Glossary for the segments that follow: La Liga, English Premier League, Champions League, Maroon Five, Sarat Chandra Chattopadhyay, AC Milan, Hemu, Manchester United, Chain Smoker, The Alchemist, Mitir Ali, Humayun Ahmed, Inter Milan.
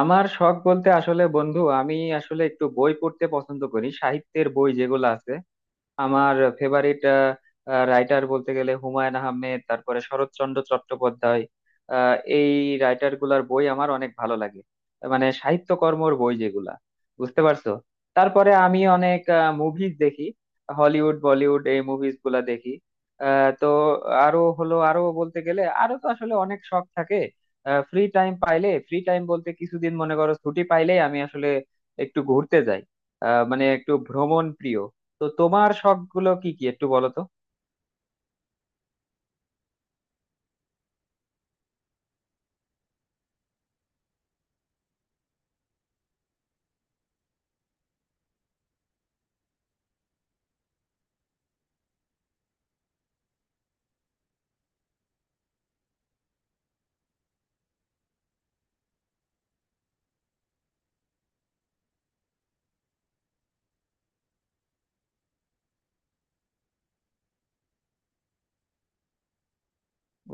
আমার শখ বলতে আসলে বন্ধু আমি আসলে একটু বই পড়তে পছন্দ করি, সাহিত্যের বই যেগুলো আছে। আমার ফেভারিট রাইটার বলতে গেলে হুমায়ুন আহমেদ, তারপরে শরৎচন্দ্র চট্টোপাধ্যায়। এই রাইটার গুলার বই আমার অনেক ভালো লাগে, মানে সাহিত্যকর্মর বই যেগুলা, বুঝতে পারছো। তারপরে আমি অনেক মুভিজ দেখি, হলিউড বলিউড এই মুভিজ গুলা দেখি। তো আরো হলো, আরো বলতে গেলে তো আসলে অনেক শখ থাকে। ফ্রি টাইম পাইলে, ফ্রি টাইম বলতে কিছুদিন মনে করো ছুটি পাইলেই আমি আসলে একটু ঘুরতে যাই। মানে একটু ভ্রমণ প্রিয়। তো তোমার শখ গুলো কি কি একটু বলো তো।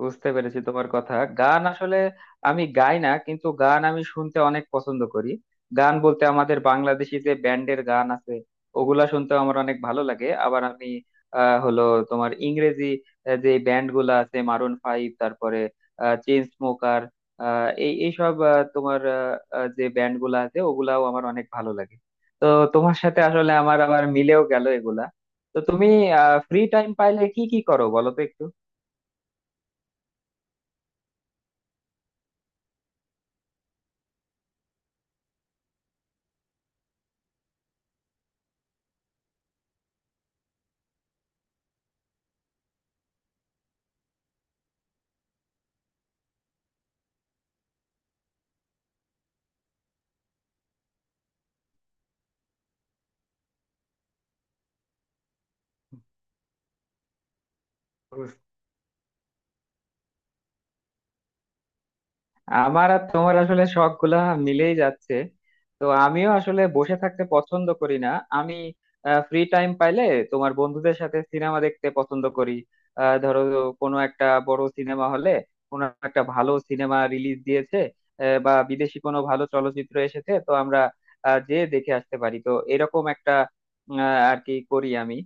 বুঝতে পেরেছি তোমার কথা। গান আসলে আমি গাই না, কিন্তু গান আমি শুনতে অনেক পছন্দ করি। গান বলতে আমাদের বাংলাদেশি যে ব্যান্ডের গান আছে, ওগুলা শুনতে আমার অনেক ভালো লাগে। আবার আমি আহ, হলো তোমার ইংরেজি যে ব্যান্ড গুলা আছে, মারুন ফাইভ, তারপরে চেইন স্মোকার, এই এইসব আহ, তোমার আহ, আহ, যে ব্যান্ড গুলা আছে, ওগুলাও আমার অনেক ভালো লাগে। তো তোমার সাথে আসলে আমার আবার মিলেও গেল এগুলা। তো তুমি ফ্রি টাইম পাইলে কি কি করো বলো তো একটু। আমার আর তোমার আসলে শখ গুলা মিলেই যাচ্ছে। তো আমিও আসলে বসে থাকতে পছন্দ করি না। আমি ফ্রি টাইম পাইলে তোমার বন্ধুদের সাথে সিনেমা দেখতে পছন্দ করি। ধরো কোনো একটা বড় সিনেমা হলে, কোনো একটা ভালো সিনেমা রিলিজ দিয়েছে, বা বিদেশি কোনো ভালো চলচ্চিত্র এসেছে, তো আমরা যেয়ে দেখে আসতে পারি, তো এরকম একটা। আর কি করি আমি,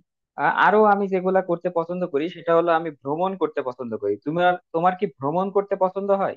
আরো আমি যেগুলা করতে পছন্দ করি সেটা হলো আমি ভ্রমণ করতে পছন্দ করি। তোমার তোমার কি ভ্রমণ করতে পছন্দ হয়?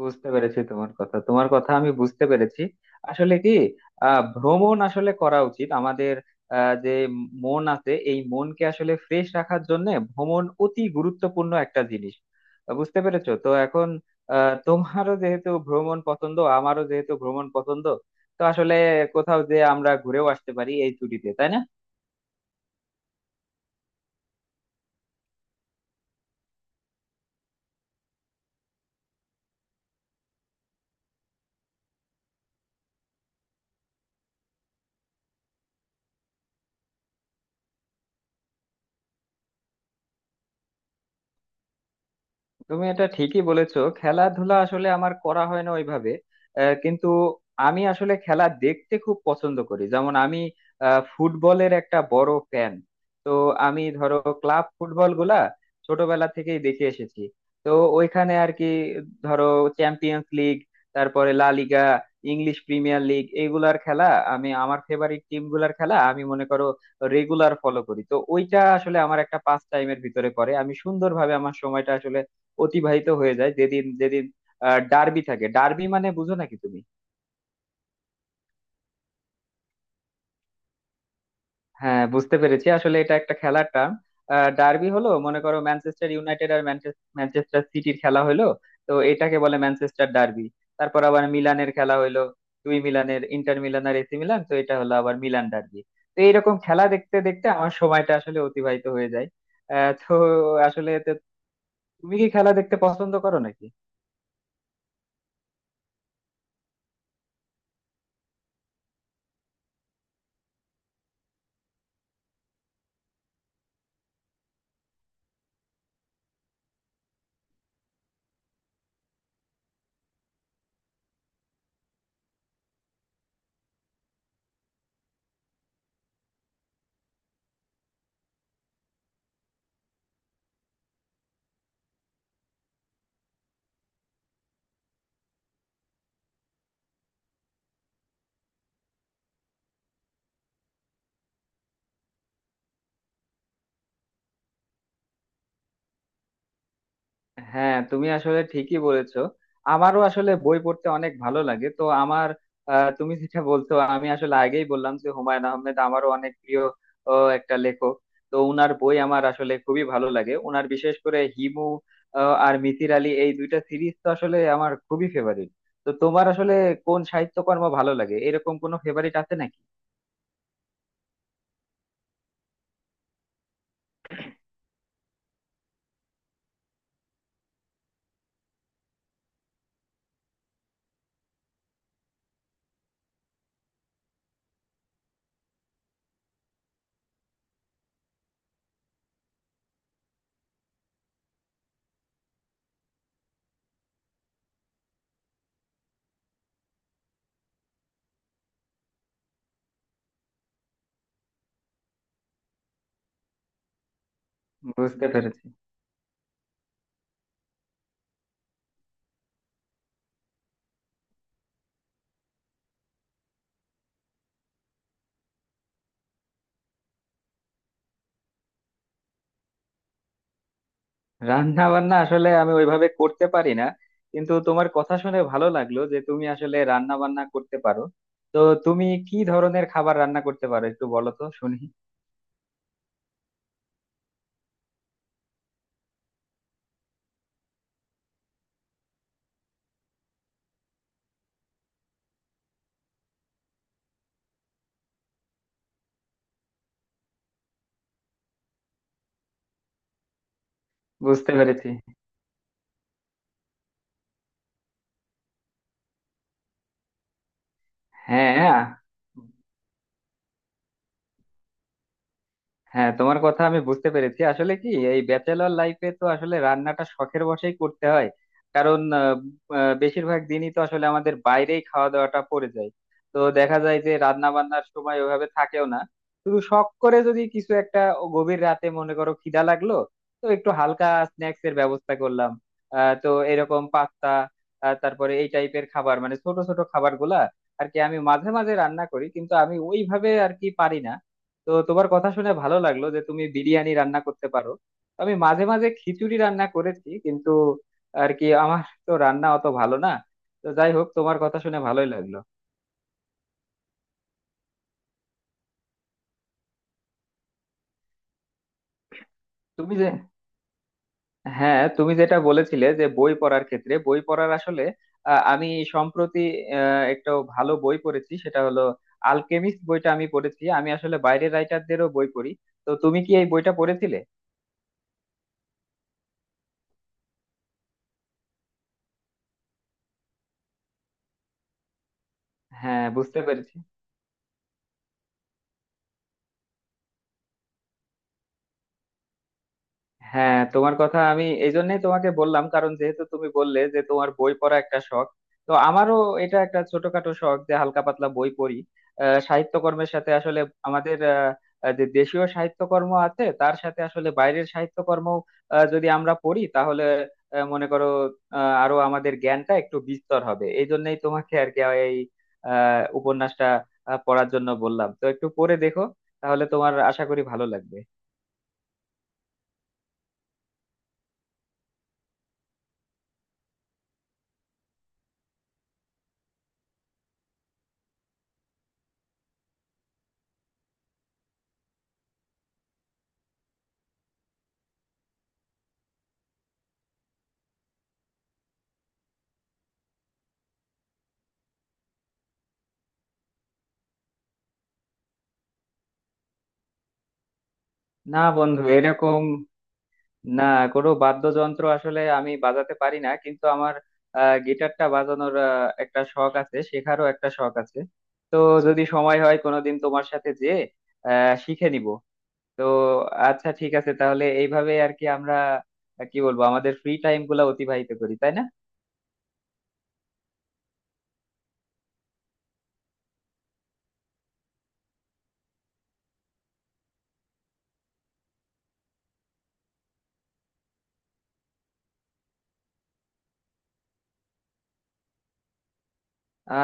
বুঝতে পেরেছি তোমার কথা, আমি বুঝতে পেরেছি। আসলে কি, ভ্রমণ আসলে করা উচিত আমাদের। যে মন আছে, এই মনকে আসলে ফ্রেশ রাখার জন্য ভ্রমণ অতি গুরুত্বপূর্ণ একটা জিনিস। বুঝতে পেরেছো তো এখন। তোমারও যেহেতু ভ্রমণ পছন্দ, আমারও যেহেতু ভ্রমণ পছন্দ, তো আসলে কোথাও যে আমরা ঘুরেও আসতে পারি এই ছুটিতে, তাই না? তুমি এটা ঠিকই বলেছো, খেলাধুলা আসলে আমার করা হয় না ওইভাবে, কিন্তু আমি আসলে খেলা দেখতে খুব পছন্দ করি। যেমন আমি ফুটবলের একটা বড় ফ্যান। তো আমি ধরো ক্লাব ফুটবল গুলা ছোটবেলা থেকেই দেখে এসেছি। তো ওইখানে আর কি, ধরো চ্যাম্পিয়ন্স লিগ, তারপরে La Liga, English Premier League, এগুলার খেলা আমি, আমার ফেভারিট টিম গুলার খেলা আমি মনে করো রেগুলার ফলো করি। তো ওইটা আসলে আমার একটা পাস টাইমের ভিতরে পড়ে। আমি সুন্দরভাবে আমার সময়টা আসলে অতিবাহিত হয়ে যায়। যেদিন যেদিন ডার্বি থাকে, ডার্বি মানে বুঝো নাকি তুমি? হ্যাঁ বুঝতে পেরেছি, আসলে এটা একটা খেলার টার্ম। ডার্বি হলো মনে করো ম্যানচেস্টার ইউনাইটেড আর ম্যানচেস্টার সিটির খেলা হলো, তো এটাকে বলে ম্যানচেস্টার ডার্বি। তারপর আবার মিলানের খেলা হলো, দুই মিলানের, ইন্টার মিলান আর এসি মিলান, তো এটা হলো আবার মিলান ডার্বি। তো এইরকম খেলা দেখতে দেখতে আমার সময়টা আসলে অতিবাহিত হয়ে যায়। আহ তো আসলে তো তুমি কি খেলা দেখতে পছন্দ করো নাকি? হ্যাঁ তুমি আসলে ঠিকই বলেছো, আমারও আসলে বই পড়তে অনেক ভালো লাগে। তো আমার, তুমি যেটা বলছো, আমি আসলে আগেই বললাম যে হুমায়ুন আহমেদ আমারও অনেক প্রিয় ও, একটা লেখক। তো উনার বই আমার আসলে খুবই ভালো লাগে, উনার বিশেষ করে হিমু আর মিতির আলী, এই দুইটা সিরিজ তো আসলে আমার খুবই ফেভারিট। তো তোমার আসলে কোন সাহিত্যকর্ম ভালো লাগে, এরকম কোনো ফেভারিট আছে নাকি? বুঝতে পেরেছি। রান্না বান্না আসলে আমি ওইভাবে করতে পারি না, কিন্তু তোমার কথা শুনে ভালো লাগলো যে তুমি আসলে রান্না বান্না করতে পারো। তো তুমি কি ধরনের খাবার রান্না করতে পারো একটু বলো তো, শুনি। বুঝতে পেরেছি। হ্যাঁ হ্যাঁ, তোমার কথা আমি বুঝতে পেরেছি। আসলে কি, এই ব্যাচেলর লাইফে তো আসলে রান্নাটা শখের বশেই করতে হয়। কারণ আহ, আহ, বেশিরভাগ দিনই তো আসলে আমাদের বাইরেই খাওয়া দাওয়াটা পড়ে যায়। তো দেখা যায় যে রান্না বান্নার সময় ওইভাবে থাকেও না। শুধু শখ করে যদি কিছু একটা, ও গভীর রাতে মনে করো খিদা লাগলো, তো একটু হালকা স্ন্যাক্স এর ব্যবস্থা করলাম। তো এরকম পাস্তা, তারপরে এই টাইপের খাবার, মানে ছোট ছোট খাবার গুলা আর কি আমি মাঝে মাঝে রান্না করি, কিন্তু আমি ওইভাবে আর কি পারি না। তো তোমার কথা শুনে ভালো লাগলো যে তুমি বিরিয়ানি রান্না করতে পারো। আমি মাঝে মাঝে খিচুড়ি রান্না করেছি কিন্তু আর কি আমার তো রান্না অত ভালো না। তো যাই হোক, তোমার কথা শুনে ভালোই লাগলো। তুমি যে, হ্যাঁ তুমি যেটা বলেছিলে যে বই পড়ার ক্ষেত্রে, বই পড়ার আসলে আহ, আমি সম্প্রতি একটা ভালো বই পড়েছি, সেটা হলো আলকেমিস্ট বইটা আমি পড়েছি। আমি আসলে বাইরের রাইটারদেরও বই পড়ি। তো তুমি কি এই বইটা পড়েছিলে? হ্যাঁ বুঝতে পেরেছি। হ্যাঁ তোমার কথা, আমি এই জন্যই তোমাকে বললাম, কারণ যেহেতু তুমি বললে যে তোমার বই পড়া একটা শখ, তো আমারও এটা একটা ছোটখাটো শখ যে হালকা পাতলা বই পড়ি। সাহিত্যকর্মের সাথে আসলে আমাদের আহ, আহ, যে দেশীয় সাহিত্যকর্ম আছে, তার সাথে আসলে বাইরের সাহিত্যকর্ম যদি আমরা পড়ি, তাহলে মনে করো আরো আমাদের জ্ঞানটা একটু বিস্তর হবে, এই জন্যই তোমাকে আর কি এই উপন্যাসটা পড়ার জন্য বললাম। তো একটু পড়ে দেখো, তাহলে তোমার আশা করি ভালো লাগবে। না বন্ধু, এরকম না, কোনো বাদ্যযন্ত্র আসলে আমি বাজাতে পারি না, কিন্তু আমার গিটারটা বাজানোর একটা শখ আছে, শেখারও একটা শখ আছে। তো যদি সময় হয় কোনোদিন তোমার সাথে যেয়ে শিখে নিব। তো আচ্ছা ঠিক আছে, তাহলে এইভাবে আর কি আমরা কি বলবো আমাদের ফ্রি টাইম গুলা অতিবাহিত করি, তাই না?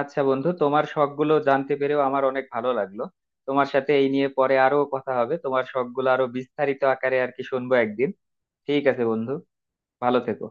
আচ্ছা বন্ধু, তোমার শখ গুলো জানতে পেরেও আমার অনেক ভালো লাগলো। তোমার সাথে এই নিয়ে পরে আরো কথা হবে, তোমার শখ গুলো আরো বিস্তারিত আকারে আর কি শুনবো একদিন। ঠিক আছে বন্ধু, ভালো থেকো।